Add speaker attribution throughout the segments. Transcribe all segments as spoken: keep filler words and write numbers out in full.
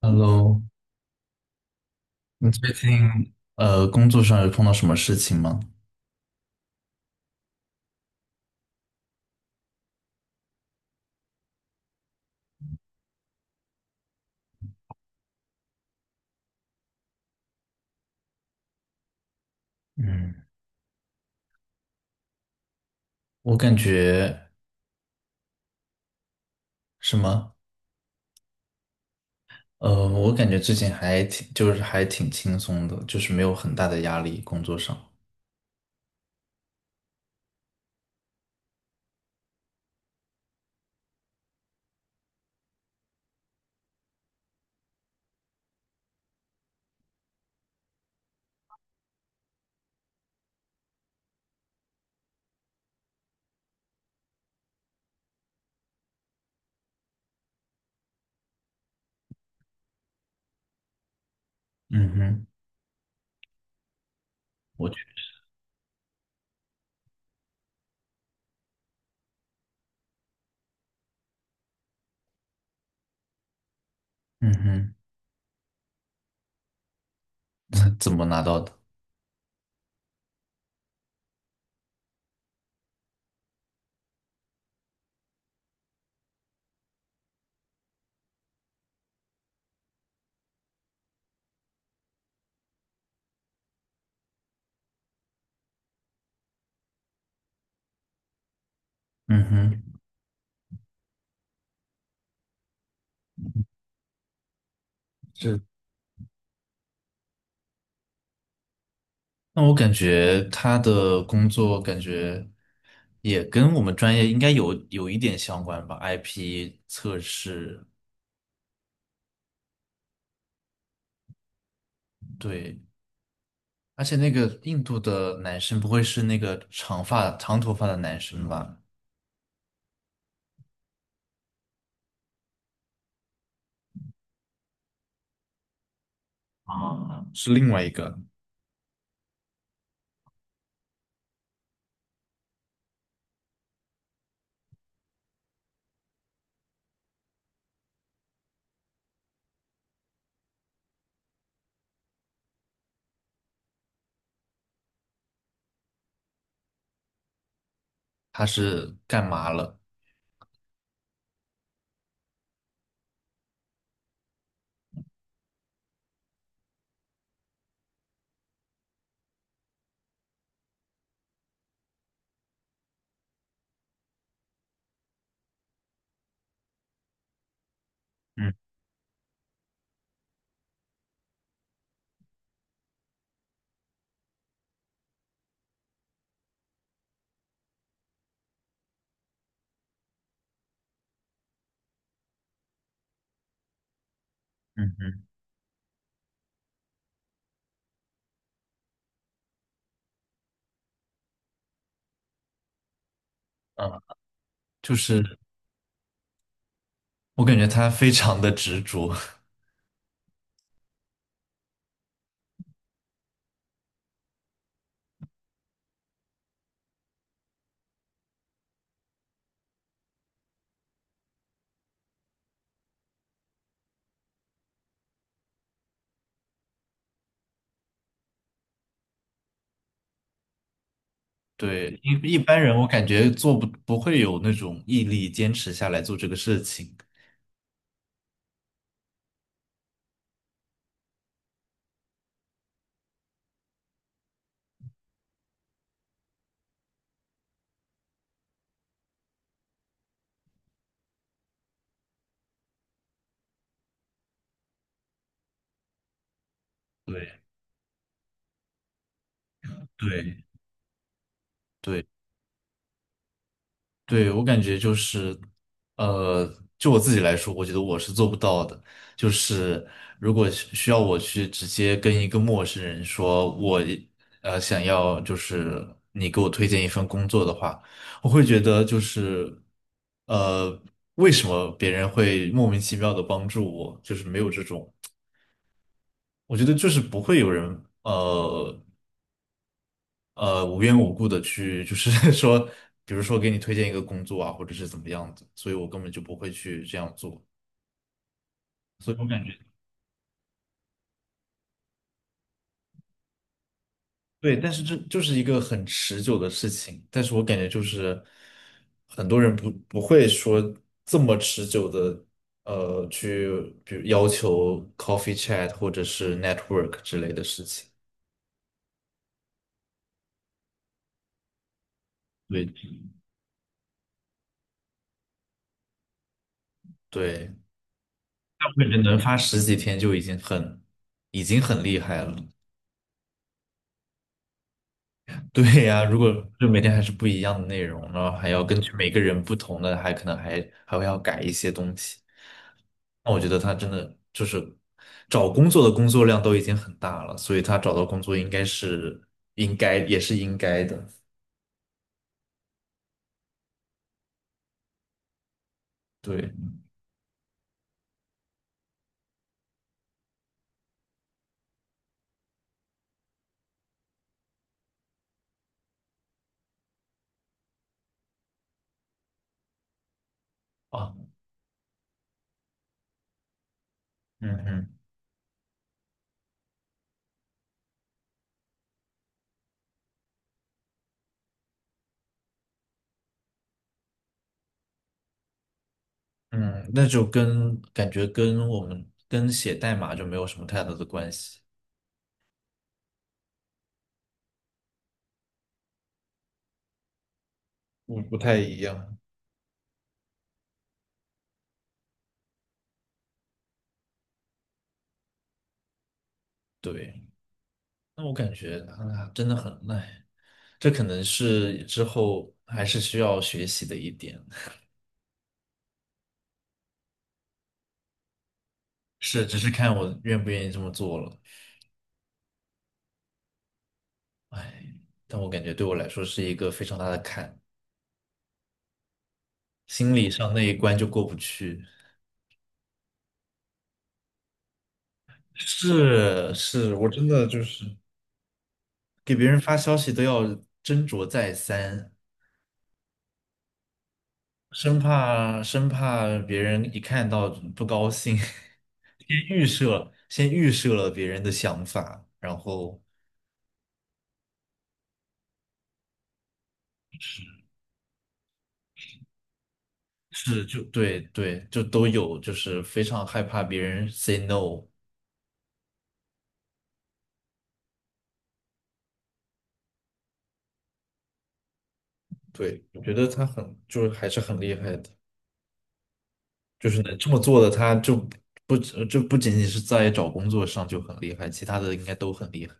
Speaker 1: Hello，你最近呃工作上有碰到什么事情吗？嗯，我感觉什么？呃，我感觉最近还挺，就是还挺轻松的，就是没有很大的压力，工作上。嗯哼，我觉，嗯哼，怎么拿到的？嗯哼，是。那我感觉他的工作感觉也跟我们专业应该有有一点相关吧，I P 测试，对。而且那个印度的男生不会是那个长发长头发的男生吧？啊，是另外一个，他是干嘛了？嗯嗯嗯，嗯，就是我感觉他非常的执着，对，一一般人我感觉做不不会有那种毅力坚持下来做这个事情。对对对，对，我感觉就是，呃，就我自己来说，我觉得我是做不到的。就是如果需需要我去直接跟一个陌生人说我，呃，想要就是你给我推荐一份工作的话，我会觉得就是，呃，为什么别人会莫名其妙的帮助我？就是没有这种，我觉得就是不会有人，呃。呃无缘无故的去，就是 说，比如说给你推荐一个工作啊，或者是怎么样子，所以我根本就不会去这样做，所以我感觉对，但是这就是一个很持久的事情，但是我感觉就是很多人不不会说这么持久的，呃，去比如要求 coffee chat 或者是 network 之类的事情，对对，大部分人能发十几天就已经很已经很厉害了。对呀，如果就每天还是不一样的内容，然后还要根据每个人不同的，还可能还还会要改一些东西。那我觉得他真的就是找工作的工作量都已经很大了，所以他找到工作应该是应该也是应该的。对啊，嗯嗯嗯，那就跟感觉跟我们跟写代码就没有什么太大的关系，不不太一样。对。那我感觉啊，真的很累，这可能是之后还是需要学习的一点，是，只是看我愿不愿意这么做了。但我感觉对我来说是一个非常大的坎，心理上那一关就过不去。是是，我真的就是给别人发消息都要斟酌再三，生怕生怕别人一看到不高兴，先预设先预设了别人的想法，然后。是就对对，就都有，就是非常害怕别人 say no。对，我觉得他很就是还是很厉害的，就是能这么做的，他就不只就不仅仅是在找工作上就很厉害，其他的应该都很厉害。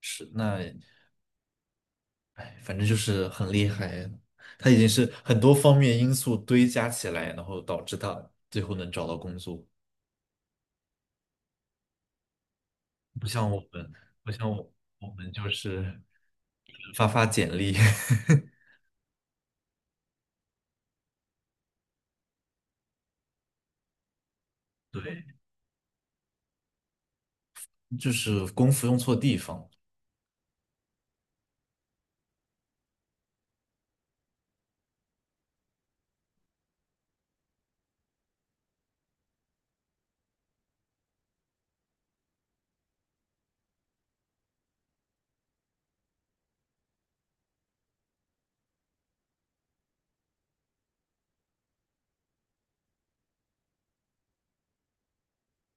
Speaker 1: 是，那哎，反正就是很厉害，他已经是很多方面因素堆加起来，然后导致他最后能找到工作，不像我们，不像我我们就是发发简历。对。就是功夫用错地方。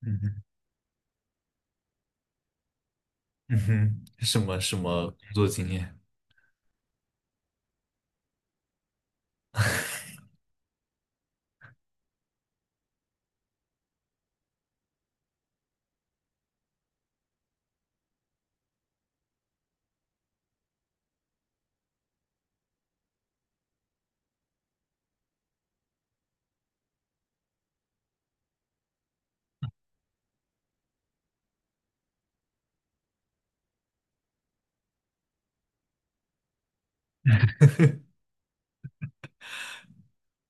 Speaker 1: 嗯哼，嗯哼，什么什么工作经验？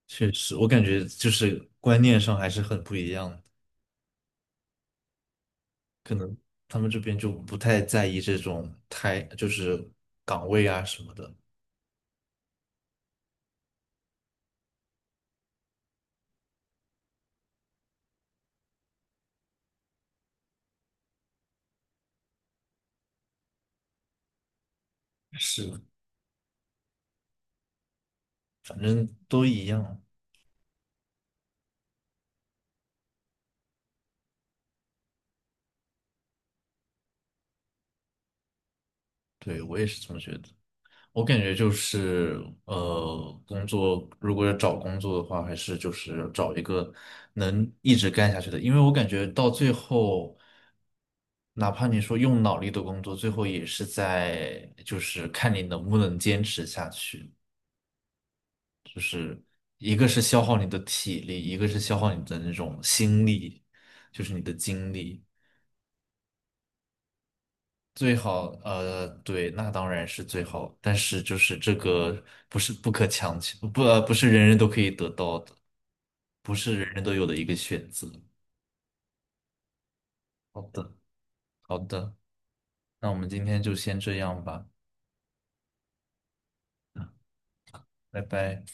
Speaker 1: 确实，我感觉就是观念上还是很不一样的，可能他们这边就不太在意这种太就是岗位啊什么的，是。反正都一样。对，我也是这么觉得。我感觉就是，呃，工作如果要找工作的话，还是就是找一个能一直干下去的，因为我感觉到最后，哪怕你说用脑力的工作，最后也是在就是看你能不能坚持下去。一个是消耗你的体力，一个是消耗你的那种心力，就是你的精力。最好，呃，对，那当然是最好，但是就是这个不是不可强求，不，呃不是人人都可以得到的，不是人人都有的一个选择。好的，好的，那我们今天就先这样吧，拜拜。